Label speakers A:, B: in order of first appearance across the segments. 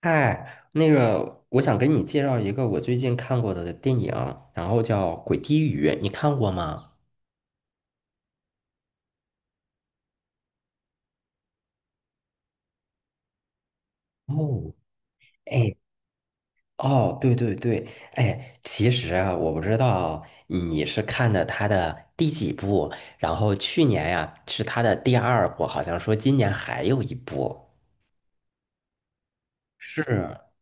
A: 嗨，我想给你介绍一个我最近看过的电影，然后叫《鬼滴雨》，你看过吗？哦，哎，哦，对对对，哎，其实啊，我不知道你是看的他的第几部，然后去年呀，是他的第二部，好像说今年还有一部。是，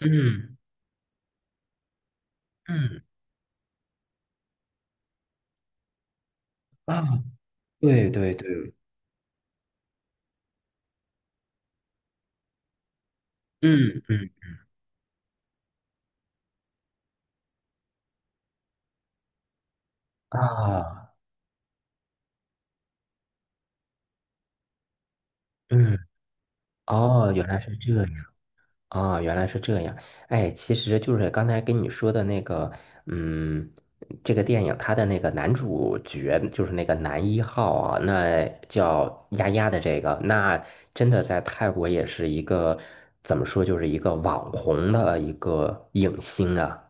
A: 嗯嗯，啊，对对对，嗯嗯，啊，嗯，哦，原来是这样。啊，原来是这样。哎，其实就是刚才跟你说的那个，嗯，这个电影它的那个男主角就是那个男一号啊，那叫丫丫的这个，那真的在泰国也是一个怎么说，就是一个网红的一个影星啊。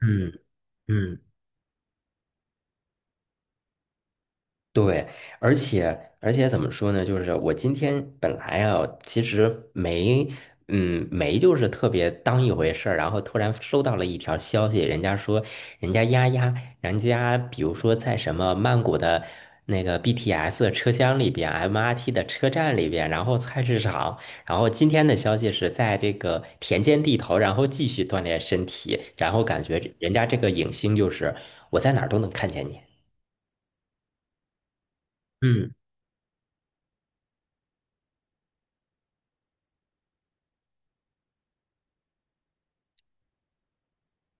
A: 嗯嗯。对，而且怎么说呢？就是我今天本来啊，其实没，嗯，没就是特别当一回事儿，然后突然收到了一条消息，人家说人家丫丫，人家比如说在什么曼谷的那个 BTS 车厢里边，MRT 的车站里边，然后菜市场，然后今天的消息是在这个田间地头，然后继续锻炼身体，然后感觉人家这个影星就是我在哪儿都能看见你。嗯，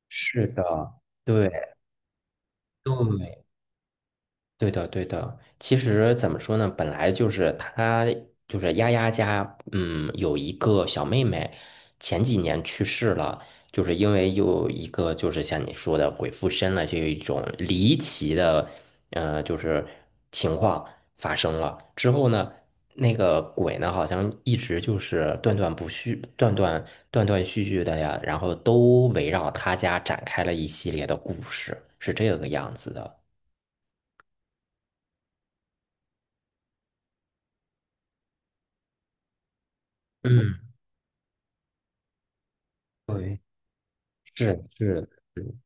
A: 是的，对对，对的，对的。其实怎么说呢？本来就是他，就是丫丫家，嗯，有一个小妹妹，前几年去世了，就是因为有一个，就是像你说的鬼附身了，这一种离奇的，就是情况发生了之后呢，那个鬼呢，好像一直就是断断不续、断断续续的呀，然后都围绕他家展开了一系列的故事，是这个样子的。嗯。对。是是是，嗯，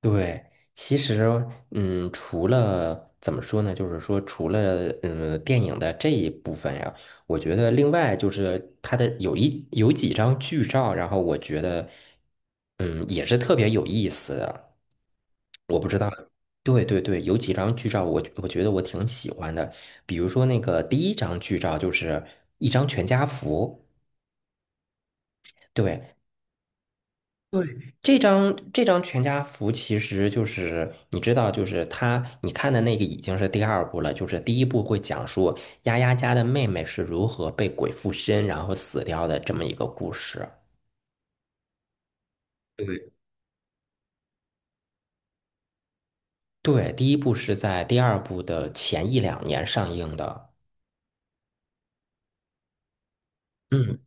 A: 对，其实，嗯，除了怎么说呢，就是说，除了嗯电影的这一部分呀，我觉得另外就是它的有一有几张剧照，然后我觉得，嗯，也是特别有意思的。我不知道，对对对，有几张剧照我觉得我挺喜欢的，比如说那个第一张剧照就是一张全家福。对，这张全家福其实就是你知道，就是他你看的那个已经是第二部了，就是第一部会讲述丫丫家的妹妹是如何被鬼附身然后死掉的这么一个故事。对，对，第一部是在第二部的前一两年上映的。嗯，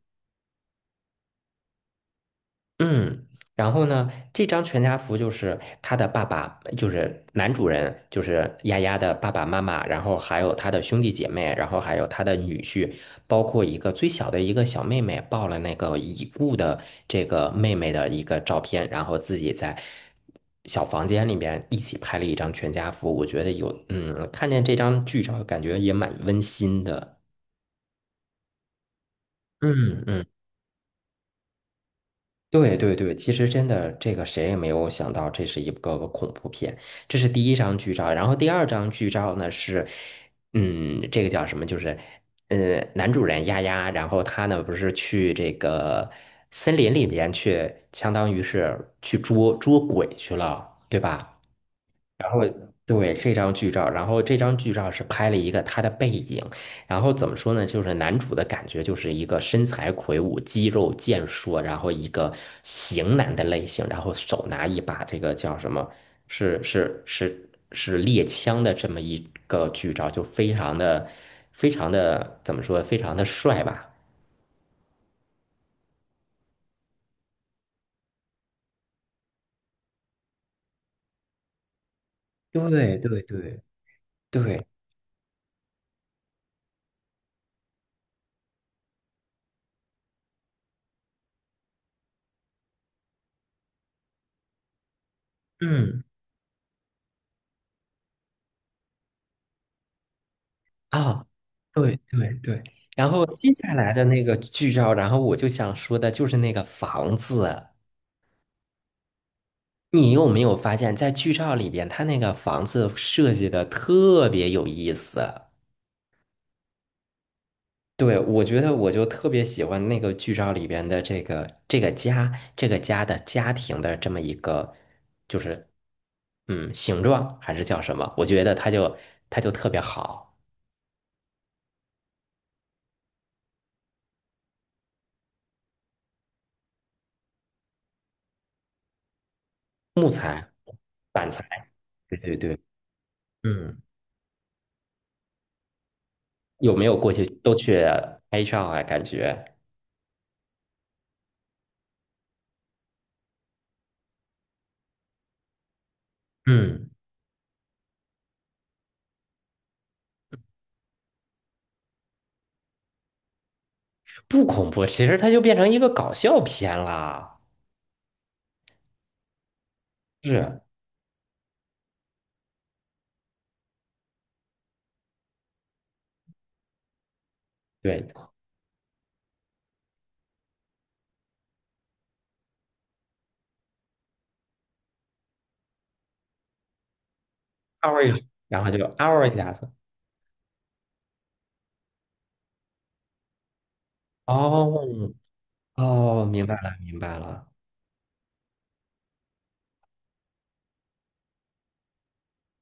A: 嗯，然后呢，这张全家福就是他的爸爸，就是男主人，就是丫丫的爸爸妈妈，然后还有他的兄弟姐妹，然后还有他的女婿，包括一个最小的一个小妹妹抱了那个已故的这个妹妹的一个照片，然后自己在小房间里面一起拍了一张全家福。我觉得有，嗯，看见这张剧照，感觉也蛮温馨的。嗯嗯，对对对，其实真的，这个谁也没有想到，这是一个恐怖片。这是第一张剧照，然后第二张剧照呢是，嗯，这个叫什么？就是，男主人丫丫，然后他呢不是去这个森林里面去，相当于是去捉鬼去了，对吧？然后对这张剧照，然后这张剧照是拍了一个他的背景，然后怎么说呢？就是男主的感觉就是一个身材魁梧、肌肉健硕，然后一个型男的类型，然后手拿一把这个叫什么？是猎枪的这么一个剧照，就非常的非常的怎么说？非常的帅吧？对对对，对，嗯。啊，对对对，然后接下来的那个剧照，然后我就想说的就是那个房子啊，你有没有发现，在剧照里边，他那个房子设计的特别有意思？对，我觉得我就特别喜欢那个剧照里边的这个家，这个家的家庭的这么一个，就是嗯形状还是叫什么？我觉得它就特别好，木材、板材，对对对，嗯。有没有过去都去拍照啊？感觉嗯，不恐怖，其实它就变成一个搞笑片啦。是，对，嗷一下，然后就嗷一下子。哦，哦，明白了，明白了。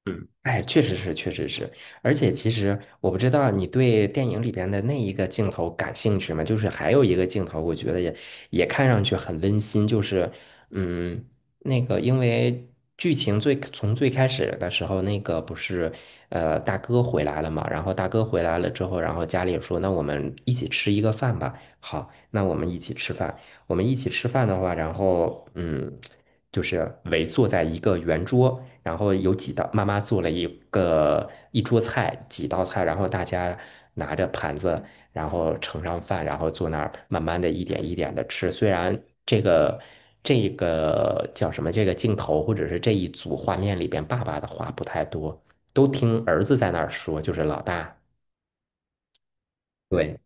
A: 嗯，哎，确实是，确实是，而且其实我不知道你对电影里边的那一个镜头感兴趣吗？就是还有一个镜头，我觉得也也看上去很温馨，就是嗯，那个因为剧情最从最开始的时候，那个不是大哥回来了嘛，然后大哥回来了之后，然后家里也说那我们一起吃一个饭吧，好，那我们一起吃饭，我们一起吃饭的话，然后嗯，就是围坐在一个圆桌，然后有几道妈妈做了一个一桌菜，几道菜，然后大家拿着盘子，然后盛上饭，然后坐那儿慢慢的一点一点的吃。虽然这个这个叫什么，这个镜头或者是这一组画面里边，爸爸的话不太多，都听儿子在那儿说，就是老大。对，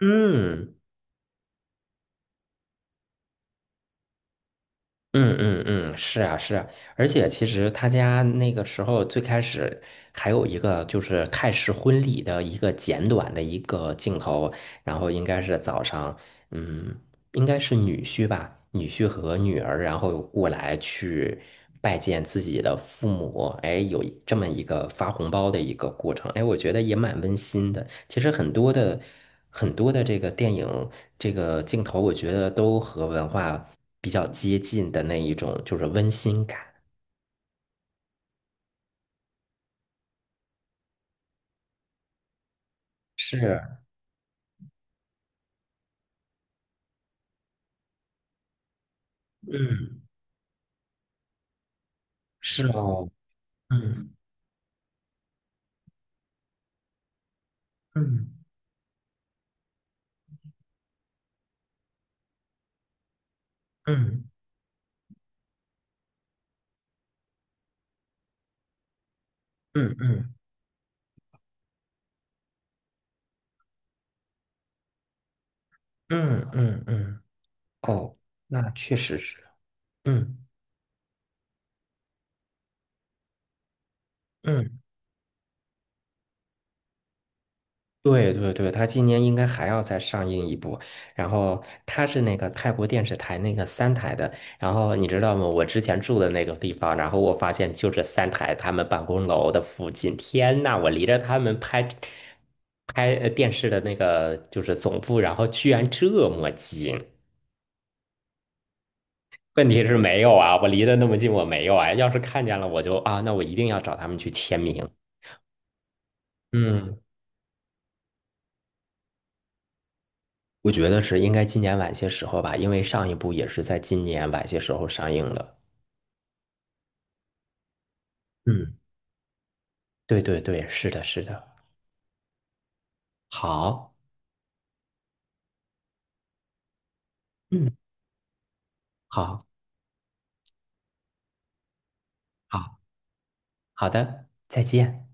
A: 嗯。嗯嗯嗯，是啊是啊，而且其实他家那个时候最开始还有一个就是泰式婚礼的一个简短的一个镜头，然后应该是早上，嗯，应该是女婿吧，女婿和女儿，然后过来去拜见自己的父母，哎，有一这么一个发红包的一个过程，哎，我觉得也蛮温馨的。其实很多的这个电影这个镜头，我觉得都和文化比较接近的那一种，就是温馨感。是，嗯，是哦，嗯嗯嗯嗯嗯嗯嗯嗯，哦，那确实是，嗯嗯。对对对，他今年应该还要再上映一部，然后他是那个泰国电视台那个三台的，然后你知道吗？我之前住的那个地方，然后我发现就这三台他们办公楼的附近，天呐，我离着他们拍电视的那个就是总部，然后居然这么近。问题是没有啊，我离得那么近，我没有啊。要是看见了，我就啊，那我一定要找他们去签名。嗯，我觉得是应该今年晚些时候吧，因为上一部也是在今年晚些时候上映的。嗯，对对对，是的，是的。好，嗯，好，好，好的，再见。